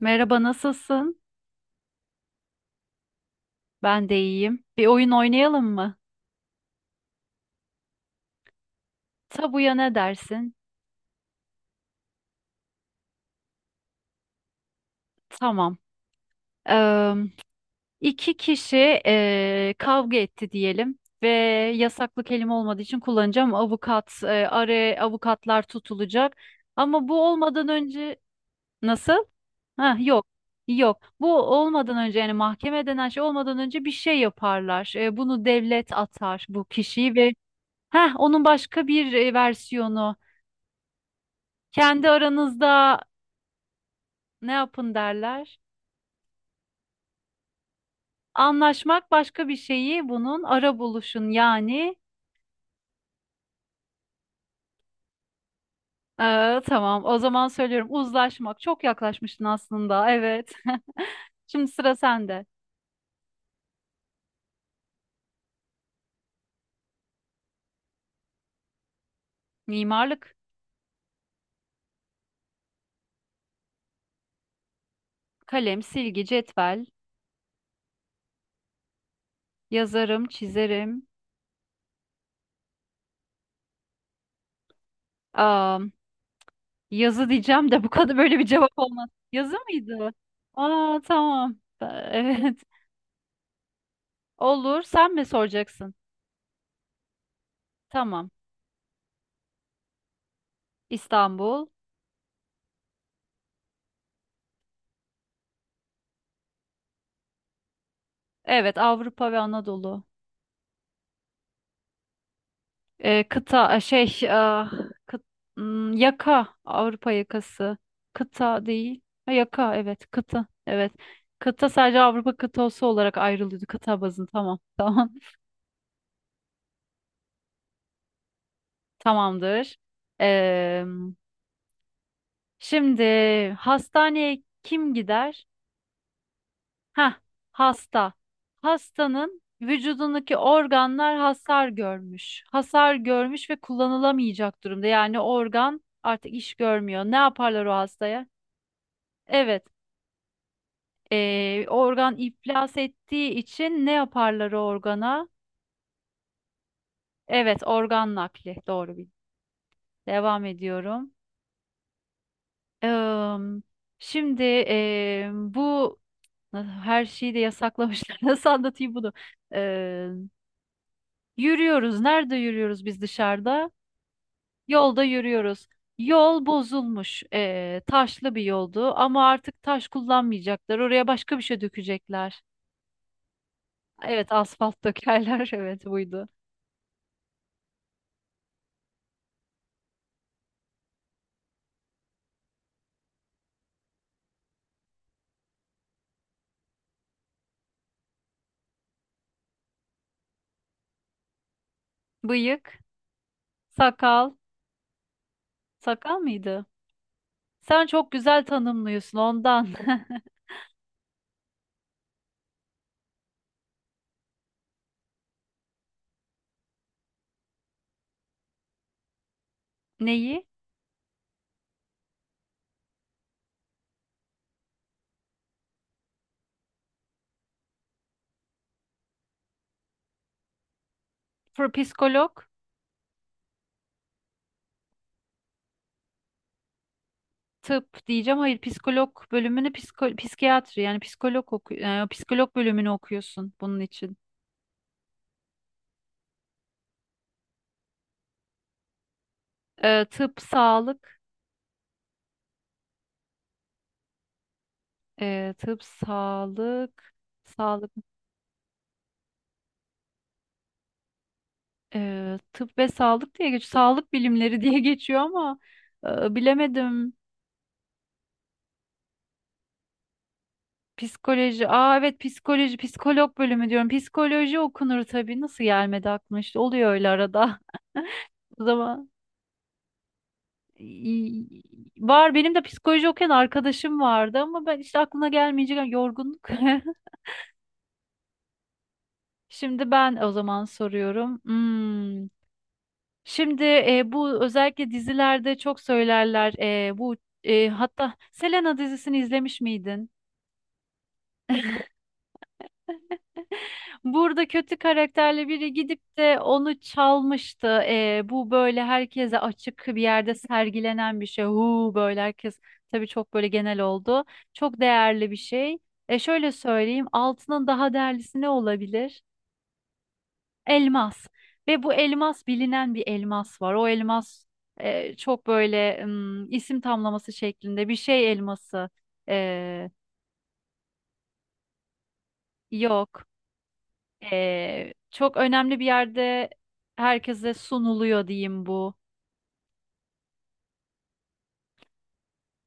Merhaba, nasılsın? Ben de iyiyim. Bir oyun oynayalım mı? Tabuya ne dersin? Tamam. Eee iki kişi kavga etti diyelim ve yasaklı kelime olmadığı için kullanacağım. Avukat, araya avukatlar tutulacak. Ama bu olmadan önce nasıl? Ha, yok. Yok. Bu olmadan önce yani mahkeme denen şey olmadan önce bir şey yaparlar. Bunu devlet atar bu kişiyi ve heh, onun başka bir versiyonu. Kendi aranızda ne yapın derler. Anlaşmak başka bir şeyi bunun ara buluşun yani. Tamam o zaman söylüyorum, uzlaşmak. Çok yaklaşmıştın aslında, evet. Şimdi sıra sende. Mimarlık, kalem, silgi, cetvel, yazarım, çizerim. Aa, yazı diyeceğim de bu kadar böyle bir cevap olmaz. Yazı mıydı? Aa, tamam. Ee, Evet. Olur. Sen mi soracaksın? Tamam. İstanbul. Evet, Avrupa ve Anadolu. Kıta şey, ah, kıt- hmm, yaka, Avrupa yakası, kıta değil, ha, yaka, evet, kıta evet. Kıta sadece Avrupa kıtası olarak ayrılıyordu, kıta bazın, tamam. Tamam, tamamdır. Eee, şimdi hastaneye kim gider? Ha, hasta. Hastanın vücudundaki organlar hasar görmüş, ve kullanılamayacak durumda, yani organ artık iş görmüyor. Ne yaparlar o hastaya? Evet. Organ iflas ettiği için ne yaparlar o organa? Evet, organ nakli. Doğru bir. Devam ediyorum. Eee, şimdi bu her şeyi de yasaklamışlar. Nasıl anlatayım bunu? Eee, yürüyoruz. Nerede yürüyoruz biz dışarıda? Yolda yürüyoruz. Yol bozulmuş. Taşlı bir yoldu ama artık taş kullanmayacaklar. Oraya başka bir şey dökecekler. Evet, asfalt dökerler. Evet, buydu. Bıyık. Sakal. Sakal mıydı? Sen çok güzel tanımlıyorsun ondan. Neyi? Psikolog, tıp diyeceğim. Hayır, psikolog bölümünü, psikiyatri, yani psikolog psikolog bölümünü okuyorsun bunun için. Tıp, sağlık, e, tıp, sağlık, sağlık, tıp ve sağlık diye geçiyor. Sağlık bilimleri diye geçiyor ama bilemedim. Psikoloji. Aa, evet, psikoloji, psikolog bölümü diyorum. Psikoloji okunur tabii. Nasıl gelmedi aklıma, işte. Oluyor öyle arada. O zaman iyi- var, benim de psikoloji okuyan arkadaşım vardı ama ben işte, aklına gelmeyecek, yani yorgunluk. Şimdi ben o zaman soruyorum. Hmm. Şimdi bu özellikle dizilerde çok söylerler. E, bu hatta Selena dizisini izlemiş miydin? Burada kötü karakterli biri gidip de onu çalmıştı. Bu böyle herkese açık bir yerde sergilenen bir şey. Huu, böyle herkes, tabii çok böyle genel oldu. Çok değerli bir şey. E, şöyle söyleyeyim, altının daha değerlisi ne olabilir? Elmas. Ve bu elmas, bilinen bir elmas var. O elmas çok böyle, isim tamlaması şeklinde, bir şey elması. E, yok. Çok önemli bir yerde herkese sunuluyor, diyeyim bu.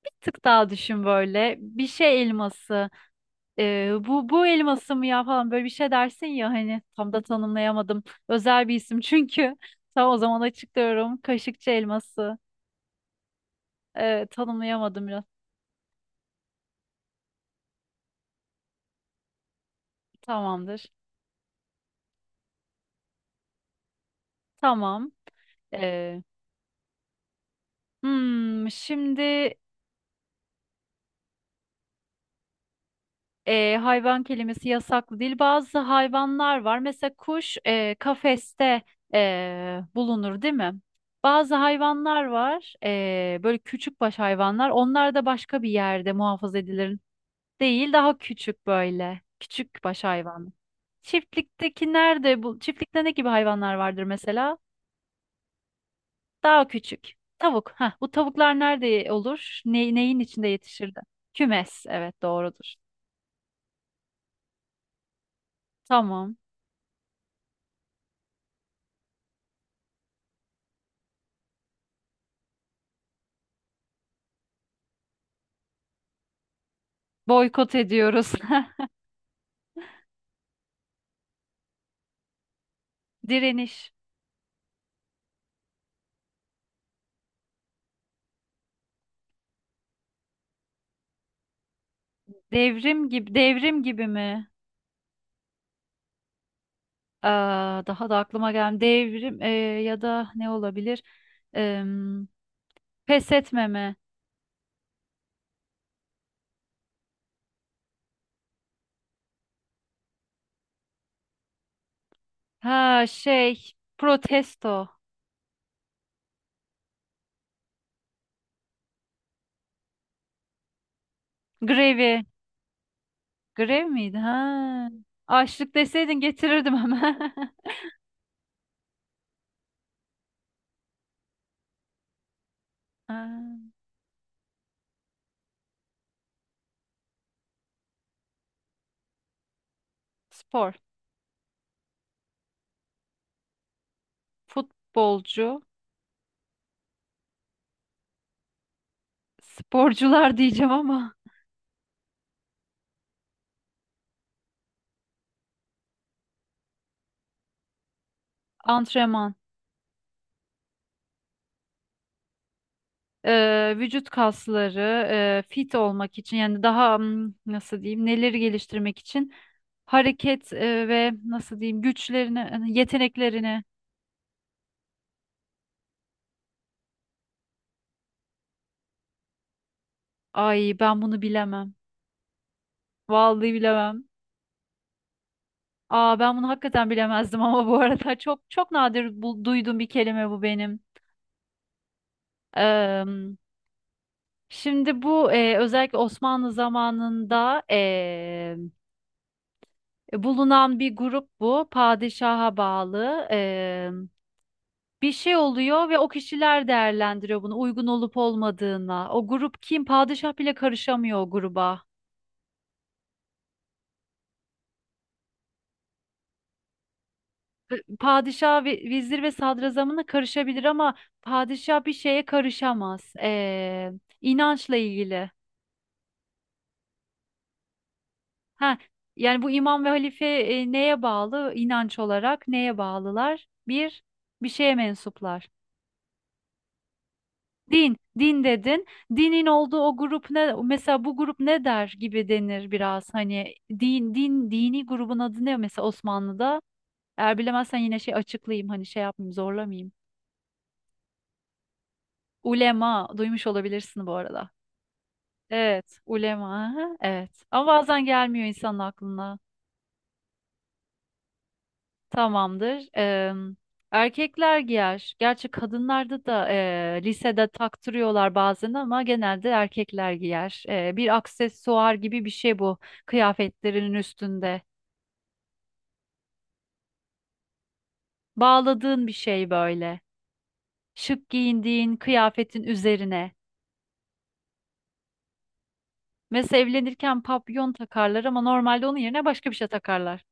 Bir tık daha düşün böyle. Bir şey elması. Bu, bu elması mı ya falan böyle bir şey dersin ya, hani tam da tanımlayamadım. Özel bir isim çünkü. Tam, o zaman açıklıyorum. Kaşıkçı elması. Tanımlayamadım biraz. Tamamdır. Tamam. Ee, şimdi hayvan kelimesi yasaklı değil. Bazı hayvanlar var. Mesela kuş kafeste bulunur, değil mi? Bazı hayvanlar var, böyle küçük baş hayvanlar. Onlar da başka bir yerde muhafaza edilir. Değil, daha küçük böyle. Küçük baş hayvan. Çiftlikteki nerede bu? Çiftlikte ne gibi hayvanlar vardır mesela? Daha küçük. Tavuk. Heh, bu tavuklar nerede olur? Ne, neyin içinde yetişirdi? Kümes. Evet, doğrudur. Tamam. Boykot ediyoruz. Direniş. Devrim gibi, mi? Aa, daha da aklıma gelmedi. Devrim, ya da ne olabilir? Em, pes etmeme. Ha, şey, protesto. Grevi. Grev miydi? Ha. Açlık deseydin getirirdim hemen. Ha. Spor. Futbolcu. Sporcular diyeceğim ama. Antrenman. Vücut kasları, fit olmak için, yani daha, hmm, nasıl diyeyim, neleri geliştirmek için, hareket ve nasıl diyeyim, güçlerini, hani yeteneklerini. Ay, ben bunu bilemem. Vallahi bilemem. Aa, ben bunu hakikaten bilemezdim ama bu arada çok çok nadir bu, duyduğum bir kelime bu benim. Eee, şimdi bu özellikle Osmanlı zamanında bulunan bir grup bu. Padişaha bağlı. Bir şey oluyor ve o kişiler değerlendiriyor bunu, uygun olup olmadığına. O grup kim? Padişah bile karışamıyor o gruba. Padişah, vezir ve sadrazamına karışabilir ama padişah bir şeye karışamaz. İnançla ilgili. Ha, yani bu imam ve halife neye bağlı? İnanç olarak neye bağlılar? Bir, şeye mensuplar. Din, dedin. Dinin olduğu o grup ne? Mesela bu grup ne der gibi denir biraz. Hani din, dini grubun adı ne mesela Osmanlı'da? Eğer bilemezsen yine şey açıklayayım, hani şey yapmayayım, zorlamayayım. Ulema, duymuş olabilirsin bu arada. Evet, ulema. Aha, evet. Ama bazen gelmiyor insanın aklına. Tamamdır. Erkekler giyer. Gerçi kadınlarda da lisede taktırıyorlar bazen ama genelde erkekler giyer. Bir aksesuar gibi bir şey bu, kıyafetlerin üstünde. Bağladığın bir şey böyle. Şık giyindiğin kıyafetin üzerine. Mesela evlenirken papyon takarlar ama normalde onun yerine başka bir şey takarlar.